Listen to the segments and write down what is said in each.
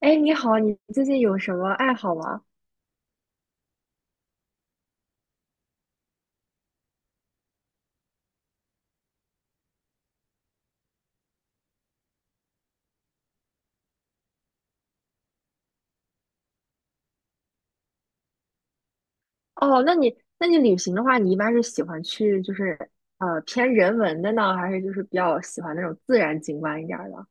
哎，你好，你最近有什么爱好吗？哦，那你旅行的话，你一般是喜欢去就是偏人文的呢，还是就是比较喜欢那种自然景观一点儿的？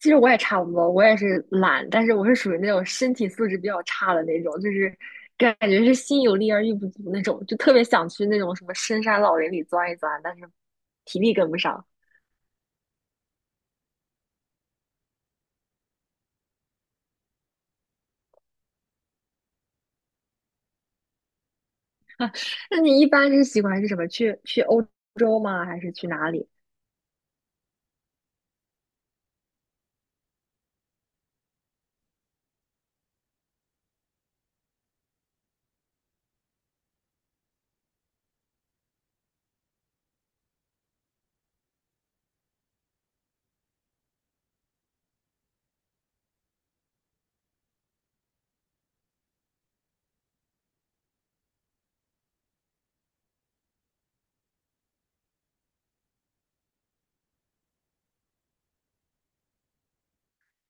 其实我也差不多，我也是懒，但是我是属于那种身体素质比较差的那种，就是感觉是心有力而力不足那种，就特别想去那种什么深山老林里钻一钻，但是体力跟不上。那你一般是喜欢是什么？去欧洲吗？还是去哪里？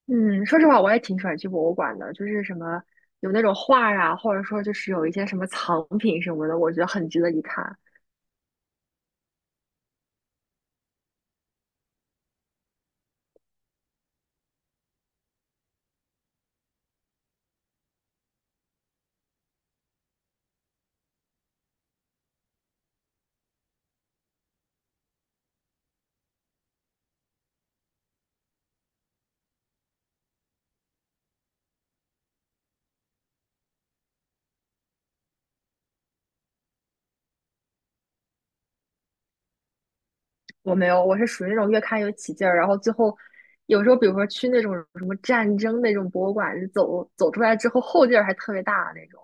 嗯，说实话，我也挺喜欢去博物馆的，就是什么有那种画呀，或者说就是有一些什么藏品什么的，我觉得很值得一看。我没有，我是属于那种越看越起劲儿，然后最后有时候比如说去那种什么战争那种博物馆，走出来之后后劲儿还特别大那种。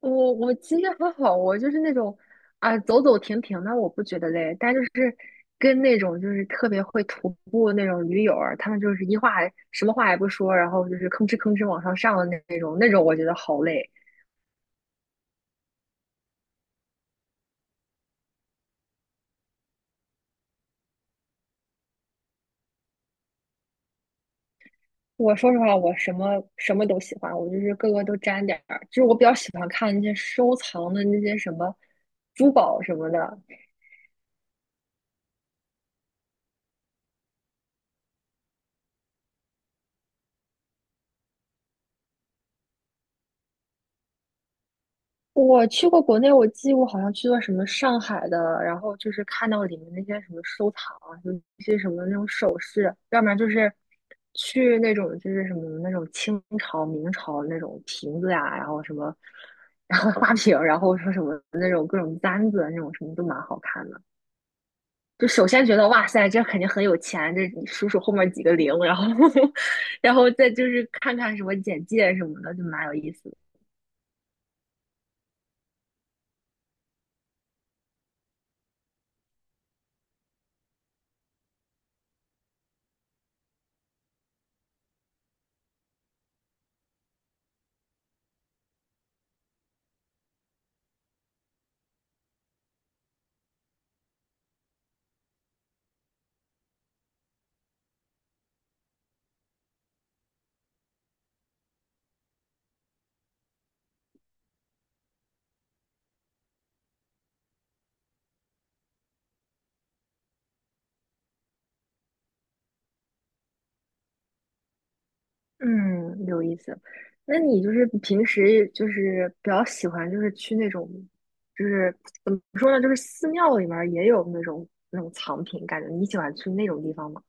我其实还好，我就是那种走走停停的，我不觉得累。但就是跟那种就是特别会徒步那种驴友儿，他们就是一话还什么话也不说，然后就是吭哧吭哧往上上的那种，那种我觉得好累。我说实话，我什么都喜欢，我就是各个都沾点儿。就是我比较喜欢看那些收藏的那些什么珠宝什么的，我去过国内，我好像去过什么上海的，然后就是看到里面那些什么收藏啊，有一些什么那种首饰，要不然就是去那种就是什么那种清朝、明朝那种瓶子呀、然后什么，然后花瓶，然后说什么那种各种簪子啊那种什么都蛮好看的。就首先觉得哇塞，这肯定很有钱，这你数数后面几个零，然后 然后再就是看看什么简介什么的，就蛮有意思的。嗯，有意思。那你就是平时就是比较喜欢就是去那种，就是怎么说呢，就是寺庙里面儿也有那种藏品，感觉你喜欢去那种地方吗？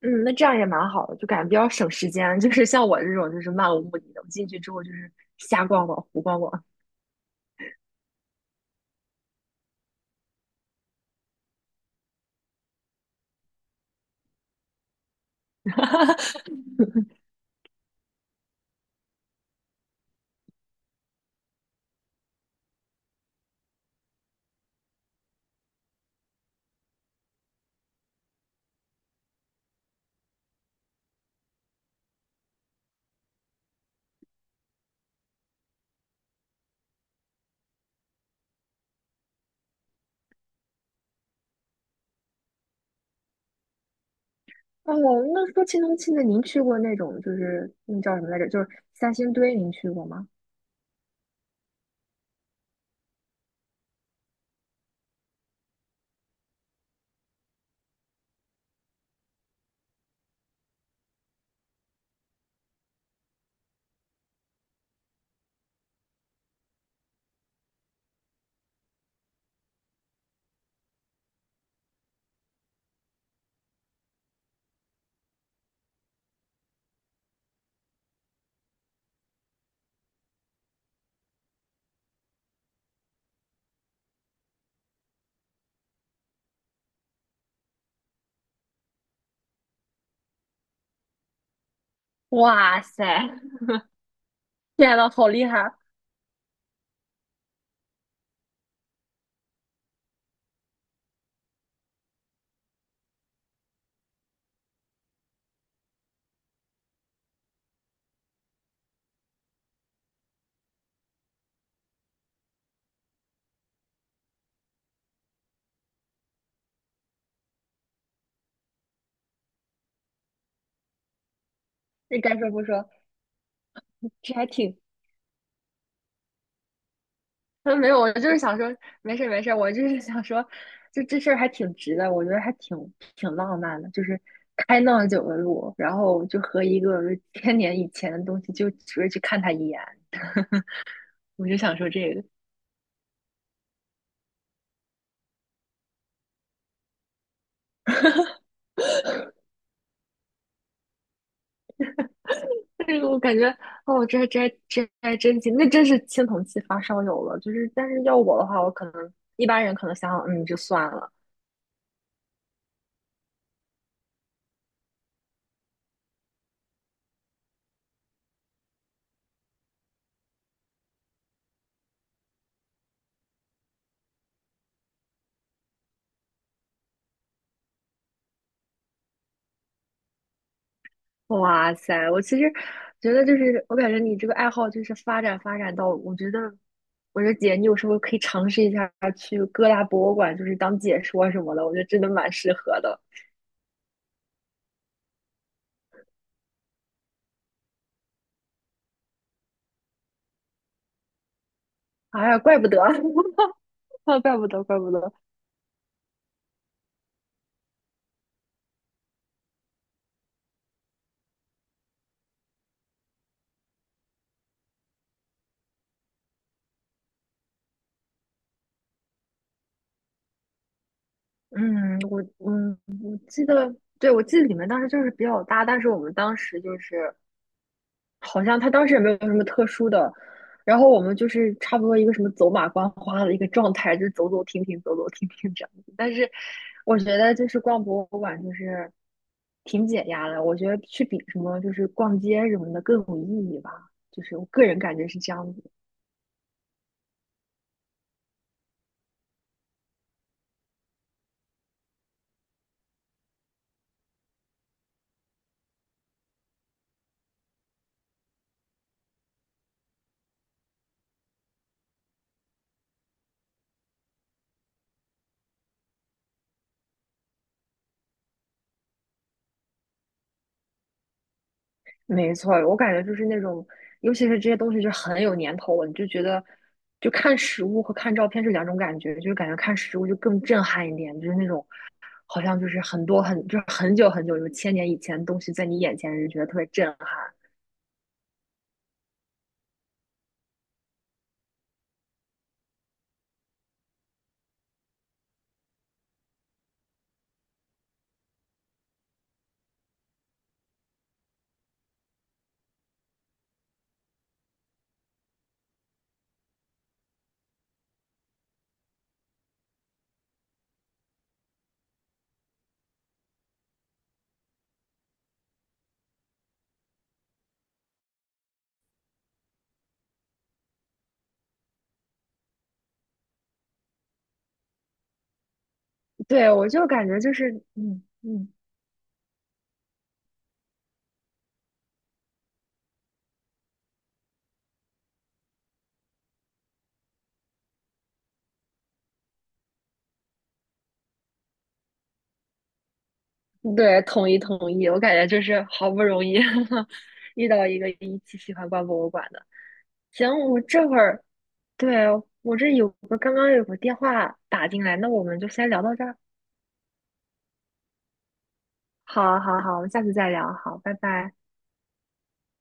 嗯，那这样也蛮好的，就感觉比较省时间。就是像我这种就是漫无目的的，我进去之后就是瞎逛逛、胡逛逛。哦，那说青铜器，那您去过那种就是那叫什么来着？就是三星堆，您去过吗？哇塞，天呐，好厉害！这该说不说。嗯，没有，我就是想说，没事没事，我就是想说，就这事儿还挺值的，我觉得还挺浪漫的，就是开那么久的路，然后就和一个千年以前的东西，就只为去看他一眼。我就想说这个，这个我感觉，哦，这还真行，那真是青铜器发烧友了，就是，但是要我的话，我可能一般人可能想想，嗯，就算了。哇塞，我其实觉得就是，我感觉你这个爱好就是发展到，我觉得，我说姐，你有时候可以尝试一下去各大博物馆，就是当解说什么的，我觉得真的蛮适合的。哎呀，怪不得，啊，怪不得，怪不得。嗯，我记得，对，我记得你们当时就是比较大，但是我们当时就是。好像他当时也没有什么特殊的，然后我们就是差不多一个什么走马观花的一个状态，就是走走停停，走走停停这样子。但是我觉得就是逛博物馆就是挺解压的，我觉得去比什么就是逛街什么的更有意义吧，就是我个人感觉是这样子。没错，我感觉就是那种，尤其是这些东西就很有年头了，你就觉得。就看实物和看照片是两种感觉，就是感觉看实物就更震撼一点，就是那种好像就是很多很就是很久很久，有千年以前的东西在你眼前，就觉得特别震撼。对，我就感觉就是，嗯嗯，对，统一统一，我感觉就是好不容易 遇到一个一起喜欢逛博物馆的。行，我这会儿，对，我这有个刚刚有个电话打进来，那我们就先聊到这儿。好，好，好，我们下次再聊。好，拜拜。